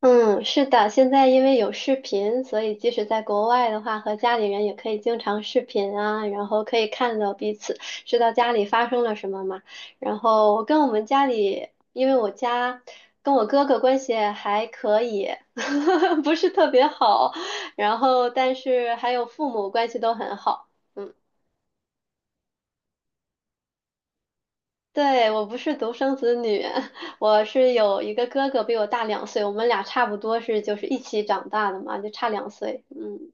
嗯，是的，现在因为有视频，所以即使在国外的话，和家里人也可以经常视频啊，然后可以看到彼此，知道家里发生了什么嘛。然后我跟我们家里，因为我家跟我哥哥关系还可以，不是特别好，然后但是还有父母关系都很好。嗯，对，我不是独生子女，我是有一个哥哥比我大两岁，我们俩差不多是就是一起长大的嘛，就差两岁。嗯。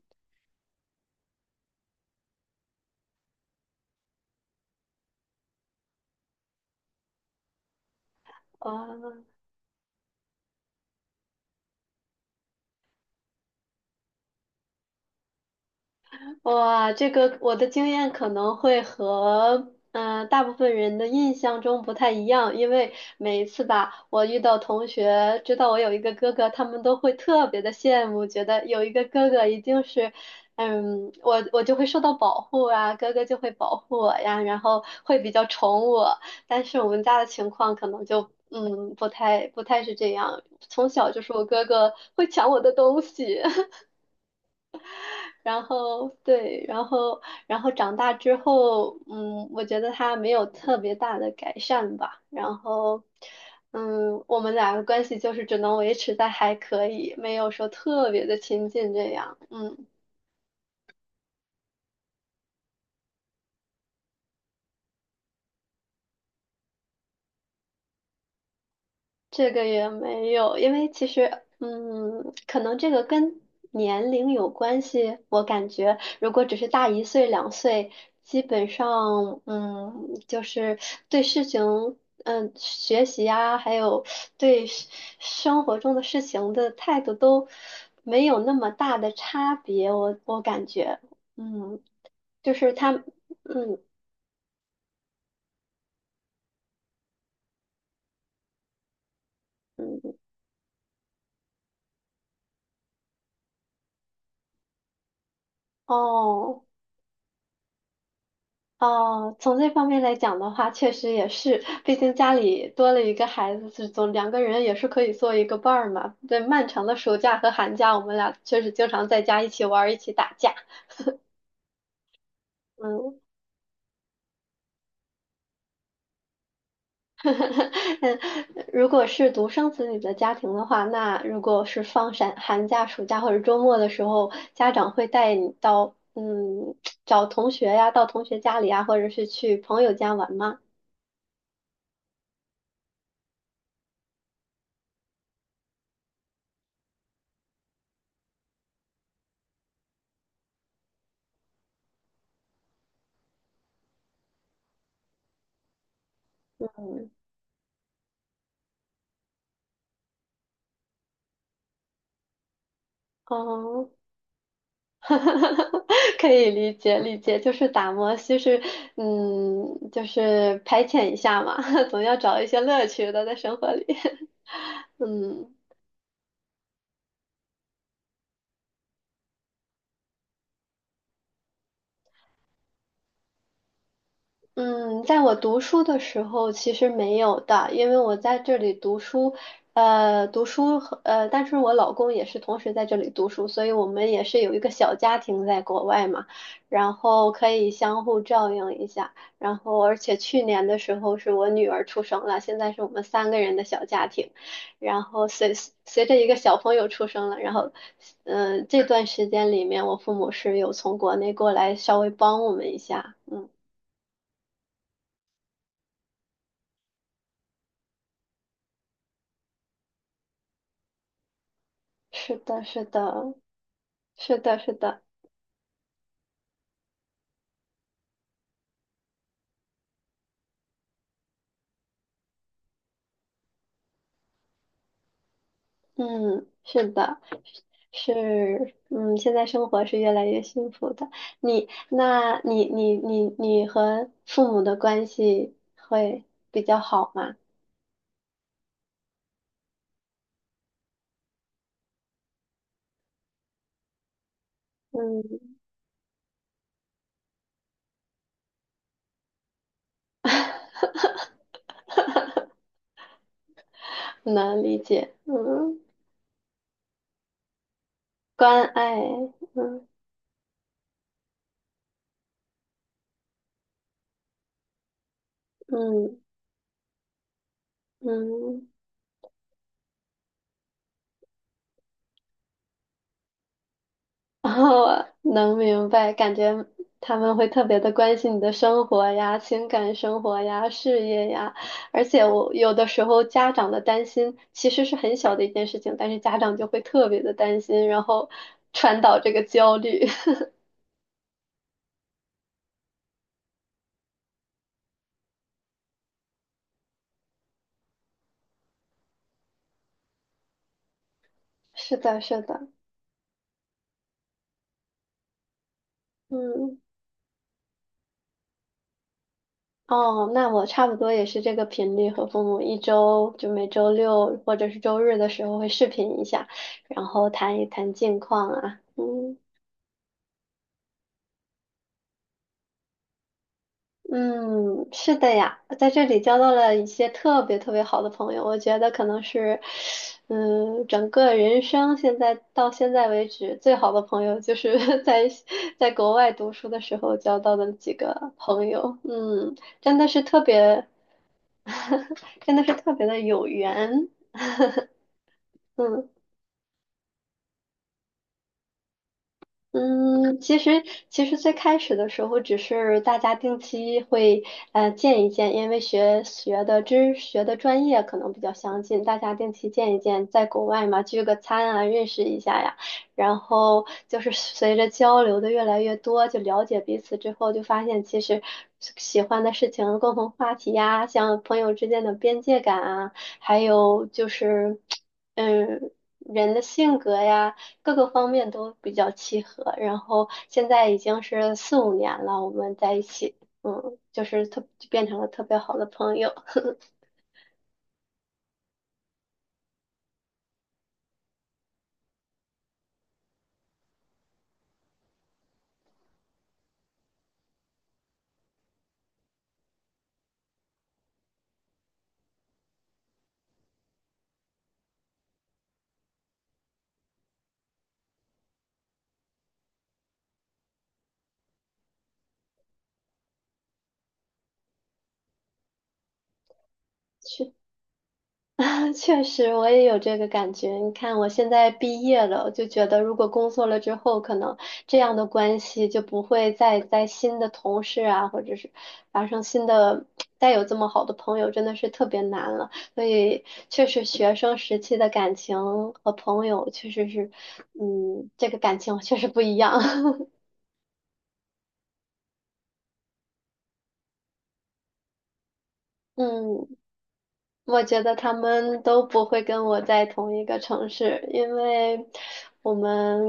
啊，哇，这个我的经验可能会和大部分人的印象中不太一样，因为每一次吧，我遇到同学知道我有一个哥哥，他们都会特别的羡慕，觉得有一个哥哥一定是，我就会受到保护啊，哥哥就会保护我呀，然后会比较宠我。但是我们家的情况可能就不太是这样，从小就是我哥哥会抢我的东西。然后对，然后长大之后，我觉得他没有特别大的改善吧。然后，我们俩的关系就是只能维持在还可以，没有说特别的亲近这样。嗯。这个也没有，因为其实，可能这个跟年龄有关系。我感觉，如果只是大1岁、两岁，基本上，就是对事情，学习啊，还有对生活中的事情的态度都没有那么大的差别。我感觉，嗯，就是他，嗯嗯，哦。哦，从这方面来讲的话，确实也是，毕竟家里多了一个孩子，是总两个人也是可以做一个伴儿嘛。对，漫长的暑假和寒假，我们俩确实经常在家一起玩儿，一起打架。嗯，嗯，如果是独生子女的家庭的话，那如果是放寒假、暑假或者周末的时候，家长会带你到找同学呀，到同学家里呀，或者是去朋友家玩吗？嗯，哦。可以理解理解，就是打磨，就是排遣一下嘛，总要找一些乐趣的在生活里。嗯，嗯，在我读书的时候其实没有的，因为我在这里读书，读书和但是我老公也是同时在这里读书，所以我们也是有一个小家庭在国外嘛，然后可以相互照应一下，然后而且去年的时候是我女儿出生了，现在是我们三个人的小家庭，然后随着一个小朋友出生了，然后，这段时间里面，我父母是有从国内过来稍微帮我们一下，嗯。是的，是的，是的，是的，嗯，是的，是，嗯，现在生活是越来越幸福的。那你和父母的关系会比较好吗？嗯，能理解，嗯，关爱，嗯嗯嗯。然后能明白，感觉他们会特别的关心你的生活呀、情感生活呀、事业呀，而且我有的时候家长的担心其实是很小的一件事情，但是家长就会特别的担心，然后传导这个焦虑。是的，是的，嗯，哦，那我差不多也是这个频率，和父母一周就每周六或者是周日的时候会视频一下，然后谈一谈近况啊，嗯。嗯，是的呀，在这里交到了一些特别特别好的朋友，我觉得可能是，整个人生现在到现在为止最好的朋友就是 在国外读书的时候交到的几个朋友，真的是特别，真的是特别的有缘，嗯。嗯，其实其实最开始的时候，只是大家定期会见一见，因为学的专业可能比较相近，大家定期见一见，在国外嘛聚个餐啊，认识一下呀。然后就是随着交流的越来越多，就了解彼此之后，就发现其实喜欢的事情、共同话题呀，像朋友之间的边界感啊，还有就是嗯人的性格呀。各个方面都比较契合。然后现在已经是四五年了，我们在一起，就是就变成了特别好的朋友。啊，确实，我也有这个感觉。你看，我现在毕业了，就觉得如果工作了之后，可能这样的关系就不会再在新的同事啊，或者是发生新的，再有这么好的朋友，真的是特别难了。所以，确实学生时期的感情和朋友确实是，这个感情确实不一样。嗯，我觉得他们都不会跟我在同一个城市，因为我们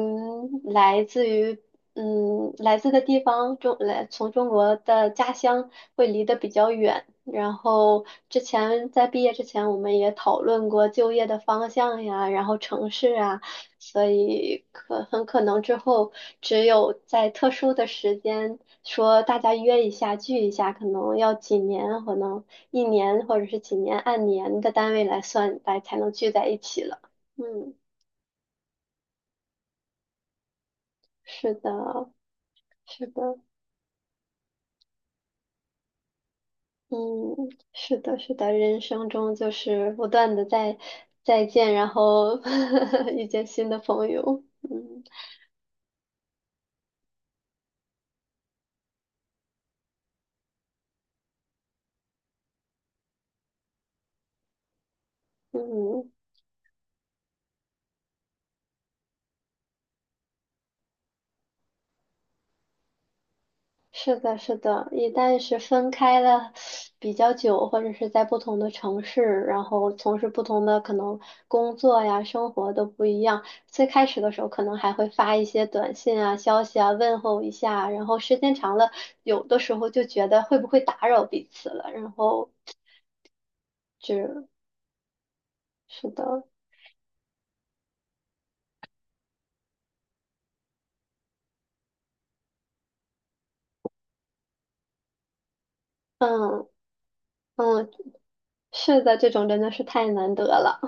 来自于来自的地方中来从中国的家乡会离得比较远。然后之前在毕业之前，我们也讨论过就业的方向呀，然后城市啊，所以很可能之后只有在特殊的时间说大家约一下聚一下，可能要几年，可能一年或者是几年按年的单位来算来才能聚在一起了。嗯，是的，是的，嗯，是的，是的，人生中就是不断的在再见，然后 遇见新的朋友。嗯嗯。是的，是的，一旦是分开了比较久，或者是在不同的城市，然后从事不同的可能工作呀、生活都不一样。最开始的时候，可能还会发一些短信啊、消息啊，问候一下。然后时间长了，有的时候就觉得会不会打扰彼此了。然后就是的，嗯嗯，是的，这种真的是太难得了。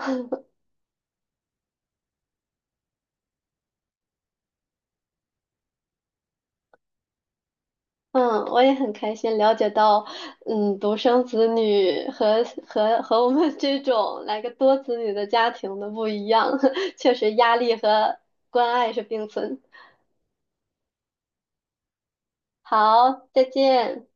嗯，我也很开心了解到，独生子女和我们这种来个多子女的家庭的不一样，确实压力和关爱是并存。好，再见。